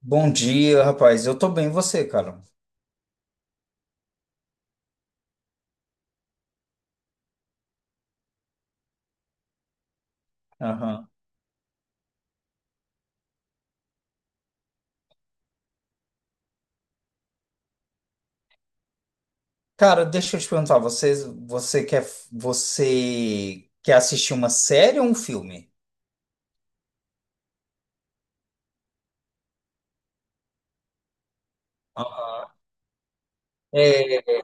Bom dia, rapaz. Eu tô bem, e você, cara? Aham. Cara, deixa eu te perguntar, você quer, você quer assistir uma série ou um filme? Aham. É,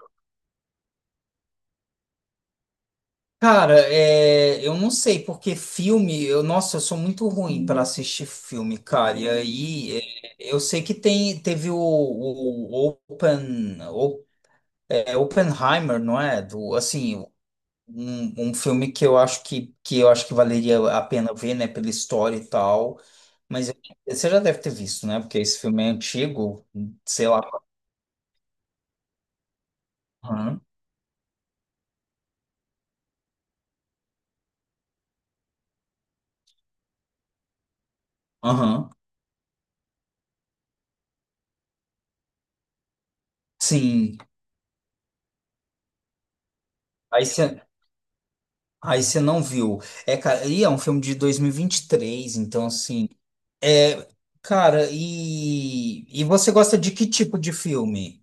cara, é, eu não sei, porque filme, nossa, eu sou muito ruim para assistir filme, cara. E aí, é, eu sei que tem, teve o Oppenheimer, não é? Do, assim, um filme que eu acho que valeria a pena ver, né, pela história e tal. Mas eu- Você já deve ter visto, né? Porque esse filme é antigo, sei lá. Aham. Aham. Sim. Aí você Aí você não viu. É, cara, e é um filme de dois mil e vinte e três, então assim, é, cara, e você gosta de que tipo de filme?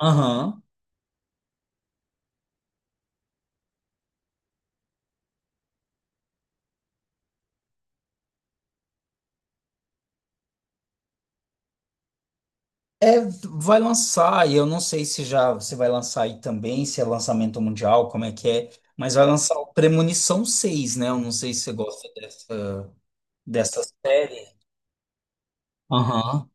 Aham. É, vai lançar, e eu não sei se já se vai lançar aí também, se é lançamento mundial, como é que é, mas vai lançar o Premonição seis, né? Eu não sei se você gosta dessa série. Aham.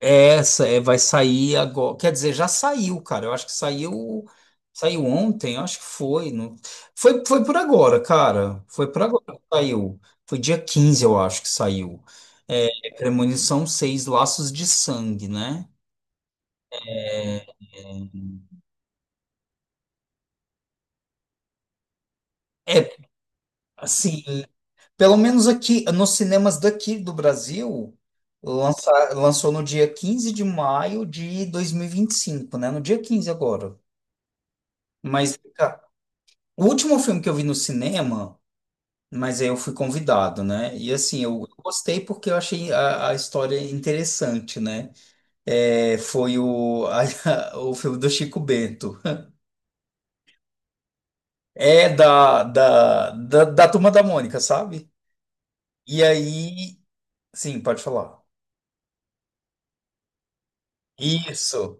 É. Essa é, vai sair agora. Quer dizer, já saiu, cara. Eu acho que saiu ontem, eu acho que foi. Não... Foi por agora, cara. Foi por agora que saiu. Foi dia 15, eu acho que saiu. É, Premonição seis, Laços de Sangue, né? É, assim, pelo menos aqui, nos cinemas daqui do Brasil, lança, lançou no dia 15 de maio de dois mil e vinte e cinco, né? No dia 15 agora. Mas cara, o último filme que eu vi no cinema, mas aí eu fui convidado, né? E assim, eu gostei porque eu achei a história interessante, né? É, foi o filme do Chico Bento. É da Turma da Mônica, sabe? E aí, sim, pode falar. Isso.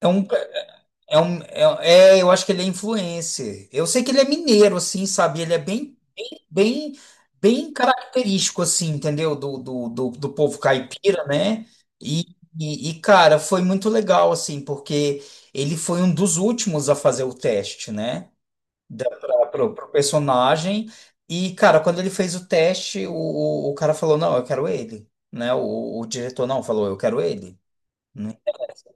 É um, eu acho que ele é influencer. Eu sei que ele é mineiro, assim, sabe? Ele é bem, bem, bem característico, assim, entendeu? Do povo caipira, né? E, Cara, foi muito legal, assim, porque ele foi um dos últimos a fazer o teste, né? Pro personagem. E, cara, quando ele fez o teste, o cara falou, não, eu quero ele, né? O diretor não falou, eu quero ele. Né?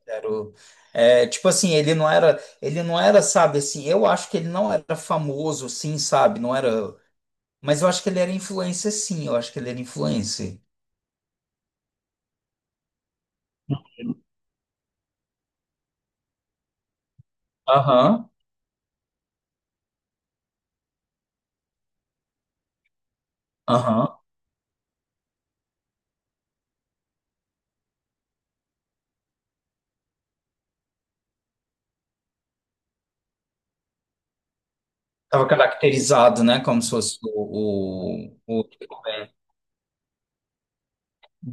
Era o- é, tipo assim, ele não era, sabe, assim, eu acho que ele não era famoso, sim, sabe, não era, mas eu acho que ele era influencer, sim, eu acho que ele era influencer. Aham, aham. Tava caracterizado, né, como se fosse o.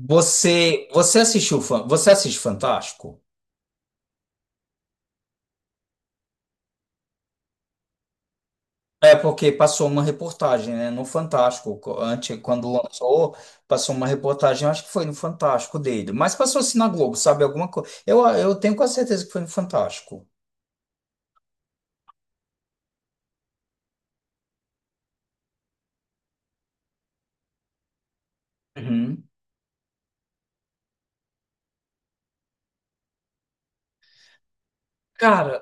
Você assiste Fantástico? É porque passou uma reportagem, né, no Fantástico, antes, quando lançou, passou uma reportagem, acho que foi no Fantástico dele, mas passou assim na Globo, sabe, alguma coisa, eu tenho quase certeza que foi no Fantástico. Uhum. Cara,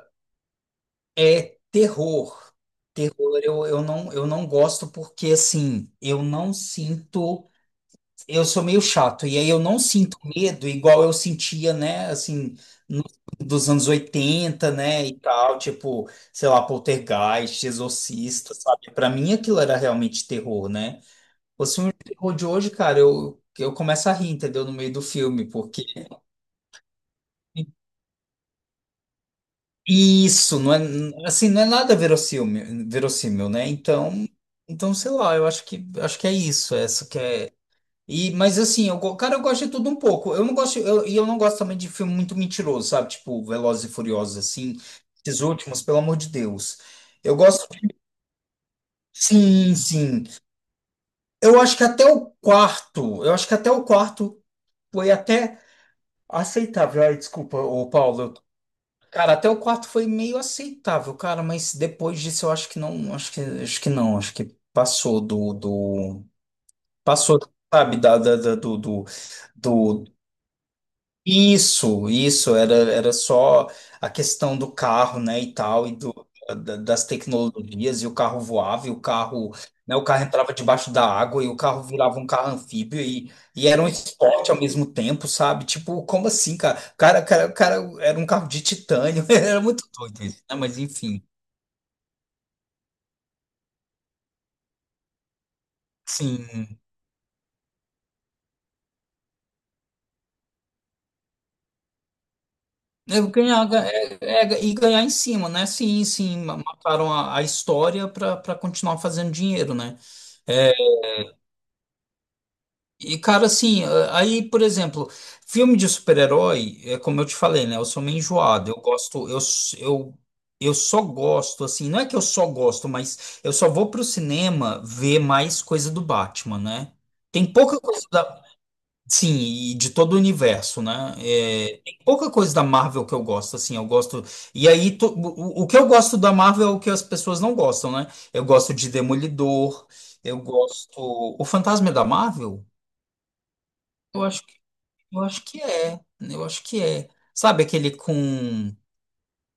é terror, terror eu não gosto porque, assim, eu não sinto. Eu sou meio chato, e aí eu não sinto medo igual eu sentia, né, assim, no- dos anos 80, né, e tal, tipo, sei lá, Poltergeist, Exorcista, sabe? Pra mim aquilo era realmente terror, né? Os terror de hoje, cara, eu começo a rir, entendeu? No meio do filme, porque isso, não é, assim, não é nada verossímil, né? Então, sei lá, eu acho que é isso, é essa que é. E, mas assim, cara, eu gosto de tudo um pouco. Eu não gosto, e eu não gosto também de filme muito mentiroso, sabe? Tipo, Velozes e Furiosos, assim. Esses últimos, pelo amor de Deus. Eu gosto. Sim, sim. Eu acho que até o quarto, eu acho que até o quarto foi até aceitável. Ai, desculpa, ô Paulo. Cara, até o quarto foi meio aceitável, cara, mas depois disso eu acho que não, acho que passou do, do, passou, sabe, da, da, da- do, do, do. Isso, era só a questão do carro, né, e tal, e das tecnologias, e o carro voava, e o carro, né, o carro entrava debaixo da água, e o carro virava um carro anfíbio, e era um esporte ao mesmo tempo, sabe? Tipo, como assim, cara? O cara era um carro de titânio, era muito doido isso, né, mas enfim, sim. Eu ganhar, ga- é- é- e ganhar em cima, né? Sim, sim, mataram a história para continuar fazendo dinheiro, né? E, cara, assim, aí, por exemplo, filme de super-herói, é como eu te falei, né? Eu sou meio enjoado. Eu gosto, eu só gosto, assim, não é que eu só gosto, mas eu só vou pro cinema ver mais coisa do Batman, né? Tem pouca coisa da. Sim, e de todo o universo, né? É, tem pouca coisa da Marvel que eu gosto, assim, eu gosto. E aí, o que eu gosto da Marvel é o que as pessoas não gostam, né? Eu gosto de Demolidor, eu gosto. O Fantasma é da Marvel? Eu acho eu acho que é, eu acho que é. Sabe aquele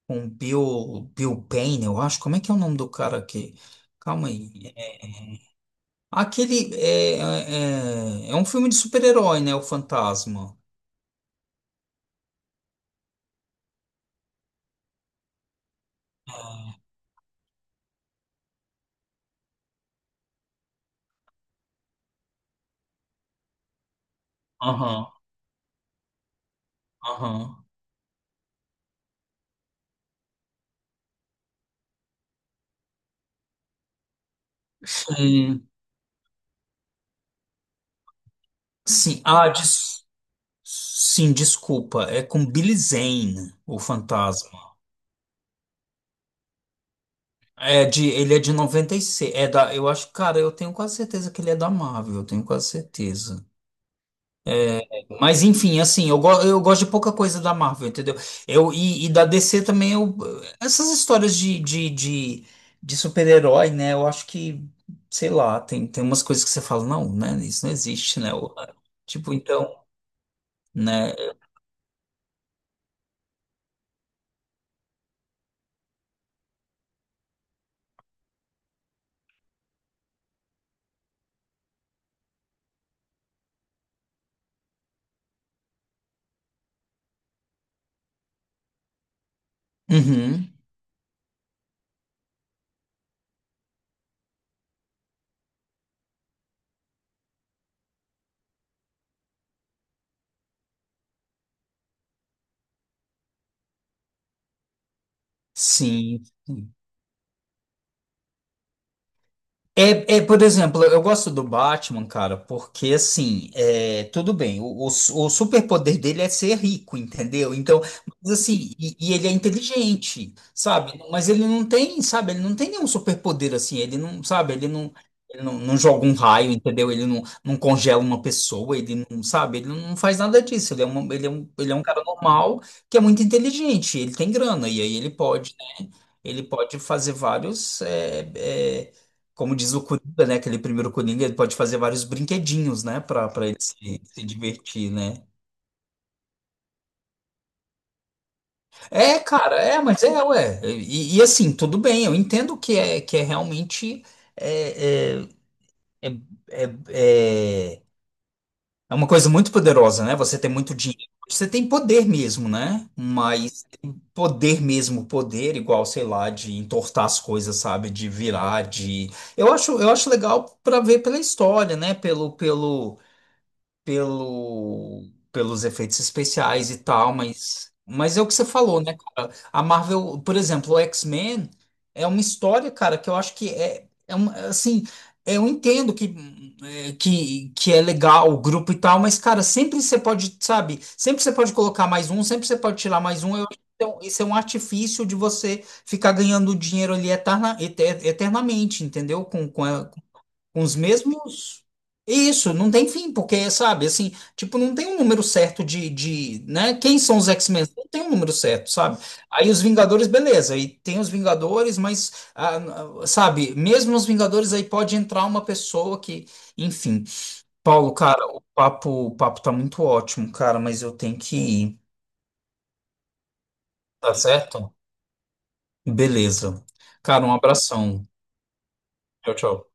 com Bill Payne, eu acho? Como é que é o nome do cara aqui? Calma aí. Aquele é um filme de super-herói, né? O Fantasma. Aham, aham. Hum. Sim, ah, des- sim, desculpa. É com Billy Zane, o Fantasma. É de, ele é de 96. É da, eu acho, cara, eu tenho quase certeza que ele é da Marvel, eu tenho quase certeza. Mas enfim, assim, eu gosto de pouca coisa da Marvel, entendeu? Eu, e da DC também, eu, essas histórias de super-herói, né? Eu acho que, sei lá, tem, tem umas coisas que você fala, não, né? Isso não existe, né? Ou, tipo, então, né? Uhum, sim. É, é, por exemplo, eu gosto do Batman, cara, porque assim, é, tudo bem, o superpoder dele é ser rico, entendeu? Então, mas assim, e ele é inteligente, sabe? Mas ele não tem, sabe? Ele não tem nenhum superpoder assim, ele não, sabe? Ele não joga um raio, entendeu? Ele não, não congela uma pessoa, ele não, sabe? Ele não faz nada disso, ele é uma, ele é um cara normal que é muito inteligente, ele tem grana, e aí ele pode. Ele pode fazer vários, é, como diz o Coringa, né? Aquele primeiro Coringa, ele pode fazer vários brinquedinhos, né? Pra, pra ele se, se divertir, né? É, cara, é, mas é, ué. E assim, tudo bem, eu entendo que é realmente. É, é, é, é, é é uma coisa muito poderosa, né? Você tem muito dinheiro, você tem poder mesmo, né? Mas. Poder mesmo, poder igual, sei lá, de entortar as coisas, sabe, de virar, de. Eu acho legal para ver pela história, né, pelo, pelos efeitos especiais e tal, mas é o que você falou, né, cara? A Marvel, por exemplo, o X-Men é uma história, cara, que eu acho que é, é uma, assim, eu entendo que é legal o grupo e tal, mas, cara, sempre você pode, sabe, sempre você pode colocar mais um, sempre você pode tirar mais um, eu acho que isso é um artifício de você ficar ganhando dinheiro ali eternamente, entendeu? Com os mesmos. Isso, não tem fim, porque, sabe, assim, tipo, não tem um número certo de, né? Quem são os X-Men? Não tem um número certo, sabe? Aí os Vingadores, beleza, aí tem os Vingadores, mas, ah, sabe, mesmo nos Vingadores aí pode entrar uma pessoa que, enfim. Paulo, cara, o papo tá muito ótimo, cara, mas eu tenho que ir, tá certo? Beleza. Cara, um abração. Tchau, tchau.